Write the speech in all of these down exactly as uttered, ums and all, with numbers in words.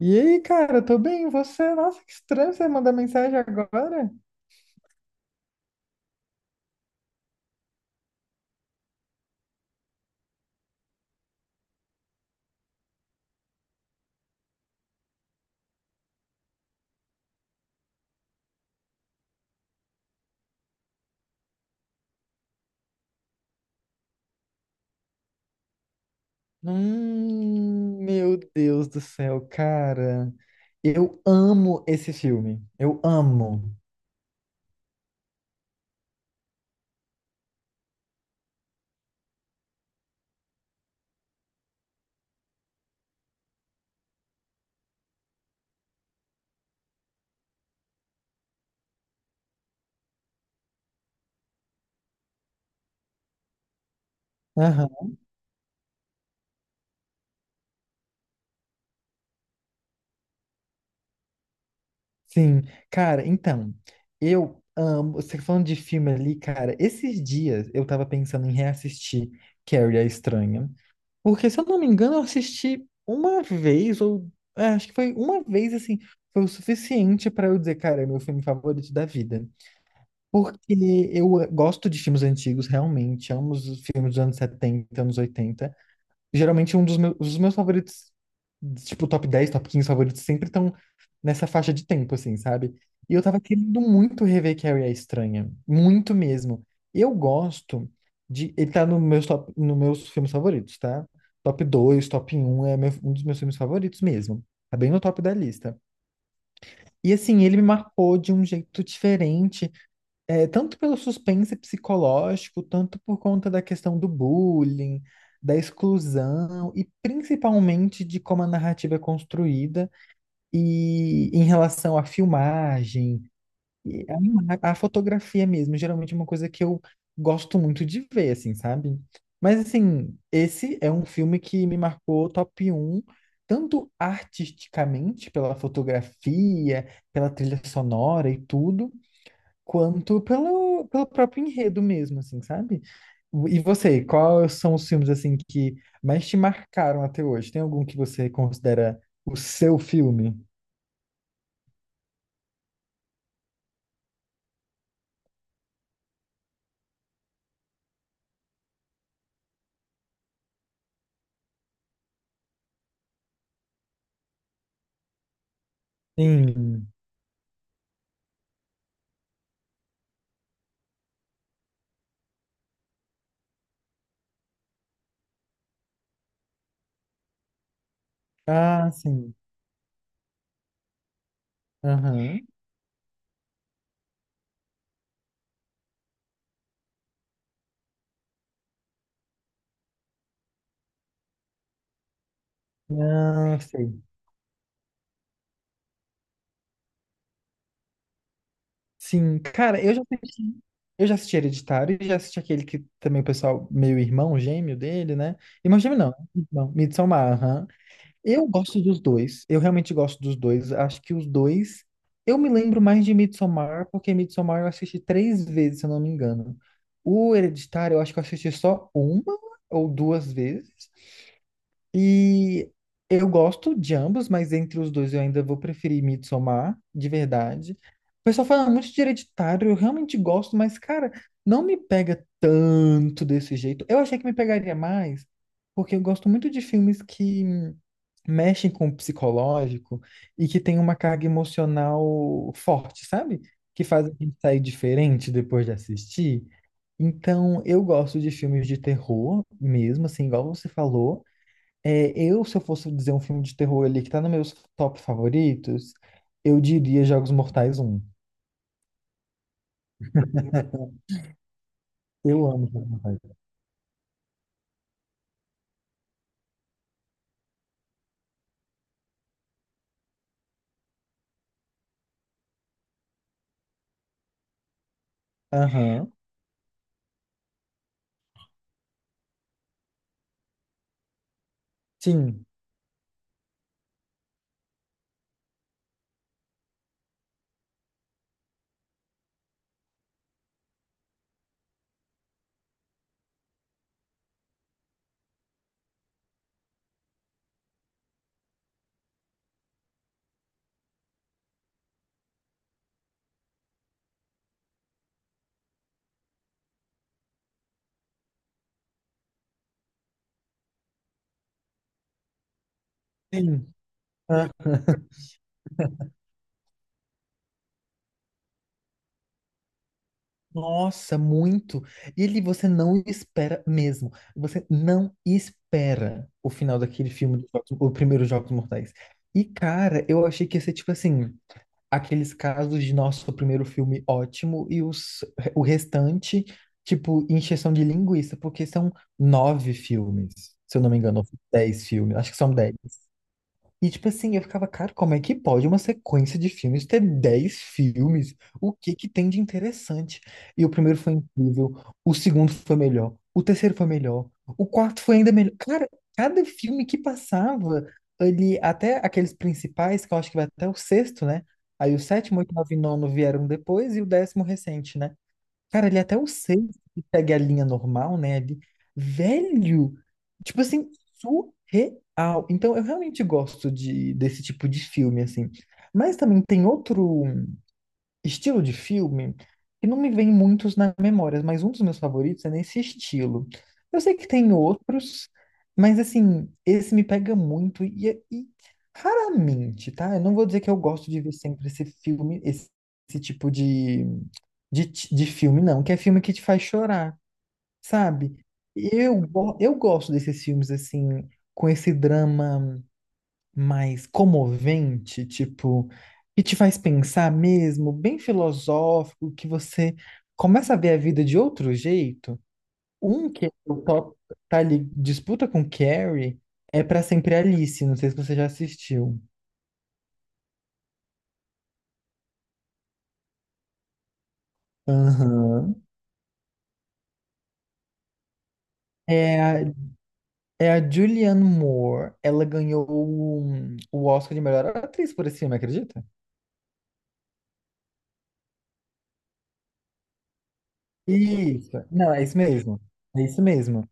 E aí, cara, tô bem, e você? Nossa, que estranho você mandar mensagem agora. Hum, meu Deus do céu, cara. Eu amo esse filme. Eu amo. Aham, sim. Cara, então, eu amo. Você falando de filme ali, cara, esses dias eu tava pensando em reassistir Carrie a Estranha. Porque, se eu não me engano, eu assisti uma vez, ou é, acho que foi uma vez assim, foi o suficiente pra eu dizer, cara, é meu filme favorito da vida. Porque eu gosto de filmes antigos, realmente. Amo os filmes dos anos setenta, anos oitenta. Geralmente, um dos meus, os meus favoritos, tipo, top dez, top quinze favoritos, sempre estão nessa faixa de tempo, assim, sabe? E eu tava querendo muito rever Carrie a Estranha. Muito mesmo. Eu gosto de. Ele tá no meus top, no meus filmes favoritos, tá? Top dois, top um é meu- um dos meus filmes favoritos mesmo. Tá bem no top da lista. E assim, ele me marcou de um jeito diferente, é, tanto pelo suspense psicológico, tanto por conta da questão do bullying, da exclusão e principalmente de como a narrativa é construída e em relação à filmagem, e a, ima- a fotografia mesmo, geralmente é uma coisa que eu gosto muito de ver, assim, sabe? Mas assim, esse é um filme que me marcou top um, tanto artisticamente, pela fotografia, pela trilha sonora e tudo, quanto pelo, pelo próprio enredo mesmo, assim, sabe? E você, quais são os filmes, assim, que mais te marcaram até hoje? Tem algum que você considera o seu filme? Sim. Ah, sim. Aham. Ah, sei. Sim, cara, eu já assisti, eu já assisti Hereditário e já assisti aquele que também o pessoal, meio irmão, gêmeo dele, né? Irmão gêmeo não, irmão, Midsommar, aham. Eu gosto dos dois. Eu realmente gosto dos dois. Acho que os dois. Eu me lembro mais de Midsommar, porque Midsommar eu assisti três vezes, se eu não me engano. O Hereditário, eu acho que eu assisti só uma ou duas vezes. E eu gosto de ambos, mas entre os dois eu ainda vou preferir Midsommar, de verdade. O pessoal fala muito de Hereditário, eu realmente gosto, mas, cara, não me pega tanto desse jeito. Eu achei que me pegaria mais, porque eu gosto muito de filmes que hum, mexem com o psicológico e que tem uma carga emocional forte, sabe? Que faz a gente sair diferente depois de assistir. Então, eu gosto de filmes de terror mesmo, assim, igual você falou. É, eu, se eu fosse dizer um filme de terror ali que tá nos meus top favoritos, eu diria Jogos Mortais um. Eu amo Jogos Mortais. Aham. Sim, sim. Ah, nossa, muito. E ele você não espera mesmo. Você não espera o final daquele filme, do Jogos- o primeiro Jogos Mortais. E, cara, eu achei que ia ser tipo assim, aqueles casos de nosso primeiro filme ótimo e os, o restante, tipo, encheção de linguiça, porque são nove filmes, se eu não me engano, ou dez filmes, acho que são dez. E tipo assim, eu ficava, cara, como é que pode uma sequência de filmes ter dez filmes? O que que tem de interessante? E o primeiro foi incrível, o segundo foi melhor, o terceiro foi melhor, o quarto foi ainda melhor. Cara, cada filme que passava ali, até aqueles principais, que eu acho que vai até o sexto, né? Aí o sétimo, oito, nove e nono vieram depois e o décimo recente, né? Cara, ele é até o sexto que segue a linha normal, né? Ali. Velho! Tipo assim, surreal. Então, eu realmente gosto de, desse tipo de filme, assim. Mas também tem outro estilo de filme que não me vem muitos na memória, mas um dos meus favoritos é nesse estilo. Eu sei que tem outros, mas assim, esse me pega muito e, e raramente, tá? Eu não vou dizer que eu gosto de ver sempre esse filme, esse esse tipo de de, ti- de filme, não, que é filme que te faz chorar, sabe? Eu, go- eu gosto desses filmes, assim, com esse drama mais comovente, tipo, que te faz pensar mesmo, bem filosófico, que você começa a ver a vida de outro jeito. Um que o top tá ali, disputa com Carrie, é Pra Sempre Alice, não sei se você já assistiu. Aham. É, é a Julianne Moore. Ela ganhou o, o Oscar de melhor atriz por esse filme, acredita? Isso. Não, é isso mesmo. É isso mesmo.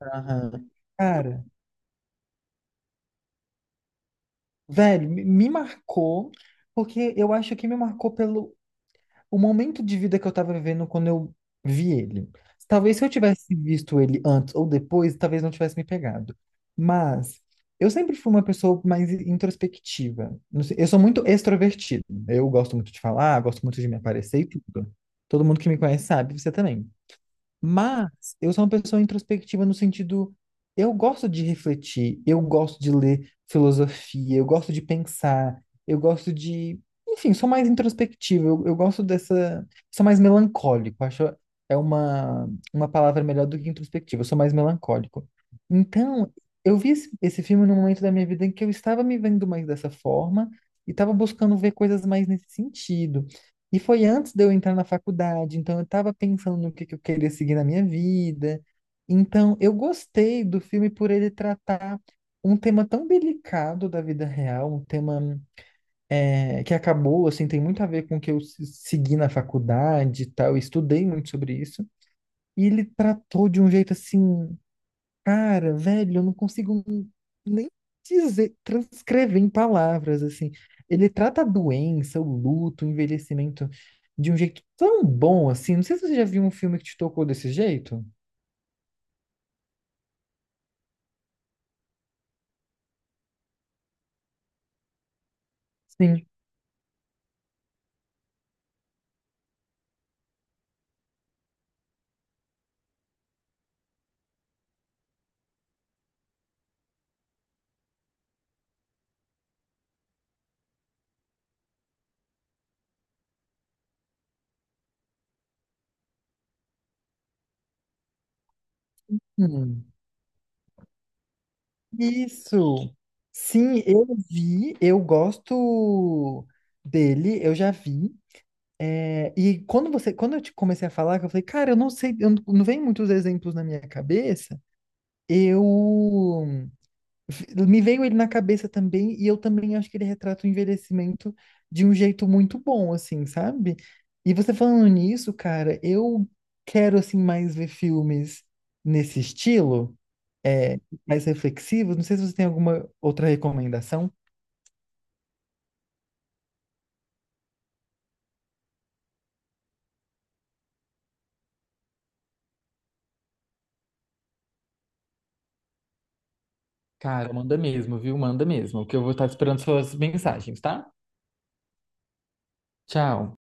Aham. Cara, velho, me me marcou, porque eu acho que me marcou pelo o momento de vida que eu estava vivendo quando eu vi ele. Talvez se eu tivesse visto ele antes ou depois, talvez não tivesse me pegado. Mas eu sempre fui uma pessoa mais introspectiva. Não sei, eu sou muito extrovertido. Eu gosto muito de falar, gosto muito de me aparecer e tudo. Todo mundo que me conhece sabe, você também. Mas eu sou uma pessoa introspectiva no sentido, eu gosto de refletir, eu gosto de ler filosofia, eu gosto de pensar, eu gosto de, enfim, sou mais introspectivo, eu, eu gosto dessa, sou mais melancólico, acho é uma uma palavra melhor do que introspectivo, eu sou mais melancólico. Então, eu vi esse, esse filme num momento da minha vida em que eu estava me vendo mais dessa forma e estava buscando ver coisas mais nesse sentido. E foi antes de eu entrar na faculdade, então eu estava pensando no que que eu queria seguir na minha vida. Então, eu gostei do filme por ele tratar um tema tão delicado da vida real, um tema é, que acabou, assim, tem muito a ver com o que eu se- segui na faculdade e tal, eu estudei muito sobre isso. E ele tratou de um jeito, assim, cara, velho, eu não consigo nem dizer, transcrever em palavras, assim. Ele trata a doença, o luto, o envelhecimento de um jeito tão bom, assim. Não sei se você já viu um filme que te tocou desse jeito. Sim. Hum. Isso. Sim, eu vi, eu gosto dele, eu já vi. É, e quando você, quando eu te comecei a falar, que eu falei, cara, eu não sei, eu não, não vem muitos exemplos na minha cabeça. Eu v- Me veio ele na cabeça também, e eu também acho que ele retrata o envelhecimento de um jeito muito bom, assim, sabe? E você falando nisso, cara, eu quero, assim, mais ver filmes nesse estilo, é, mais reflexivos. Não sei se você tem alguma outra recomendação. Cara, manda mesmo, viu? Manda mesmo, que eu vou estar esperando suas mensagens, tá? Tchau.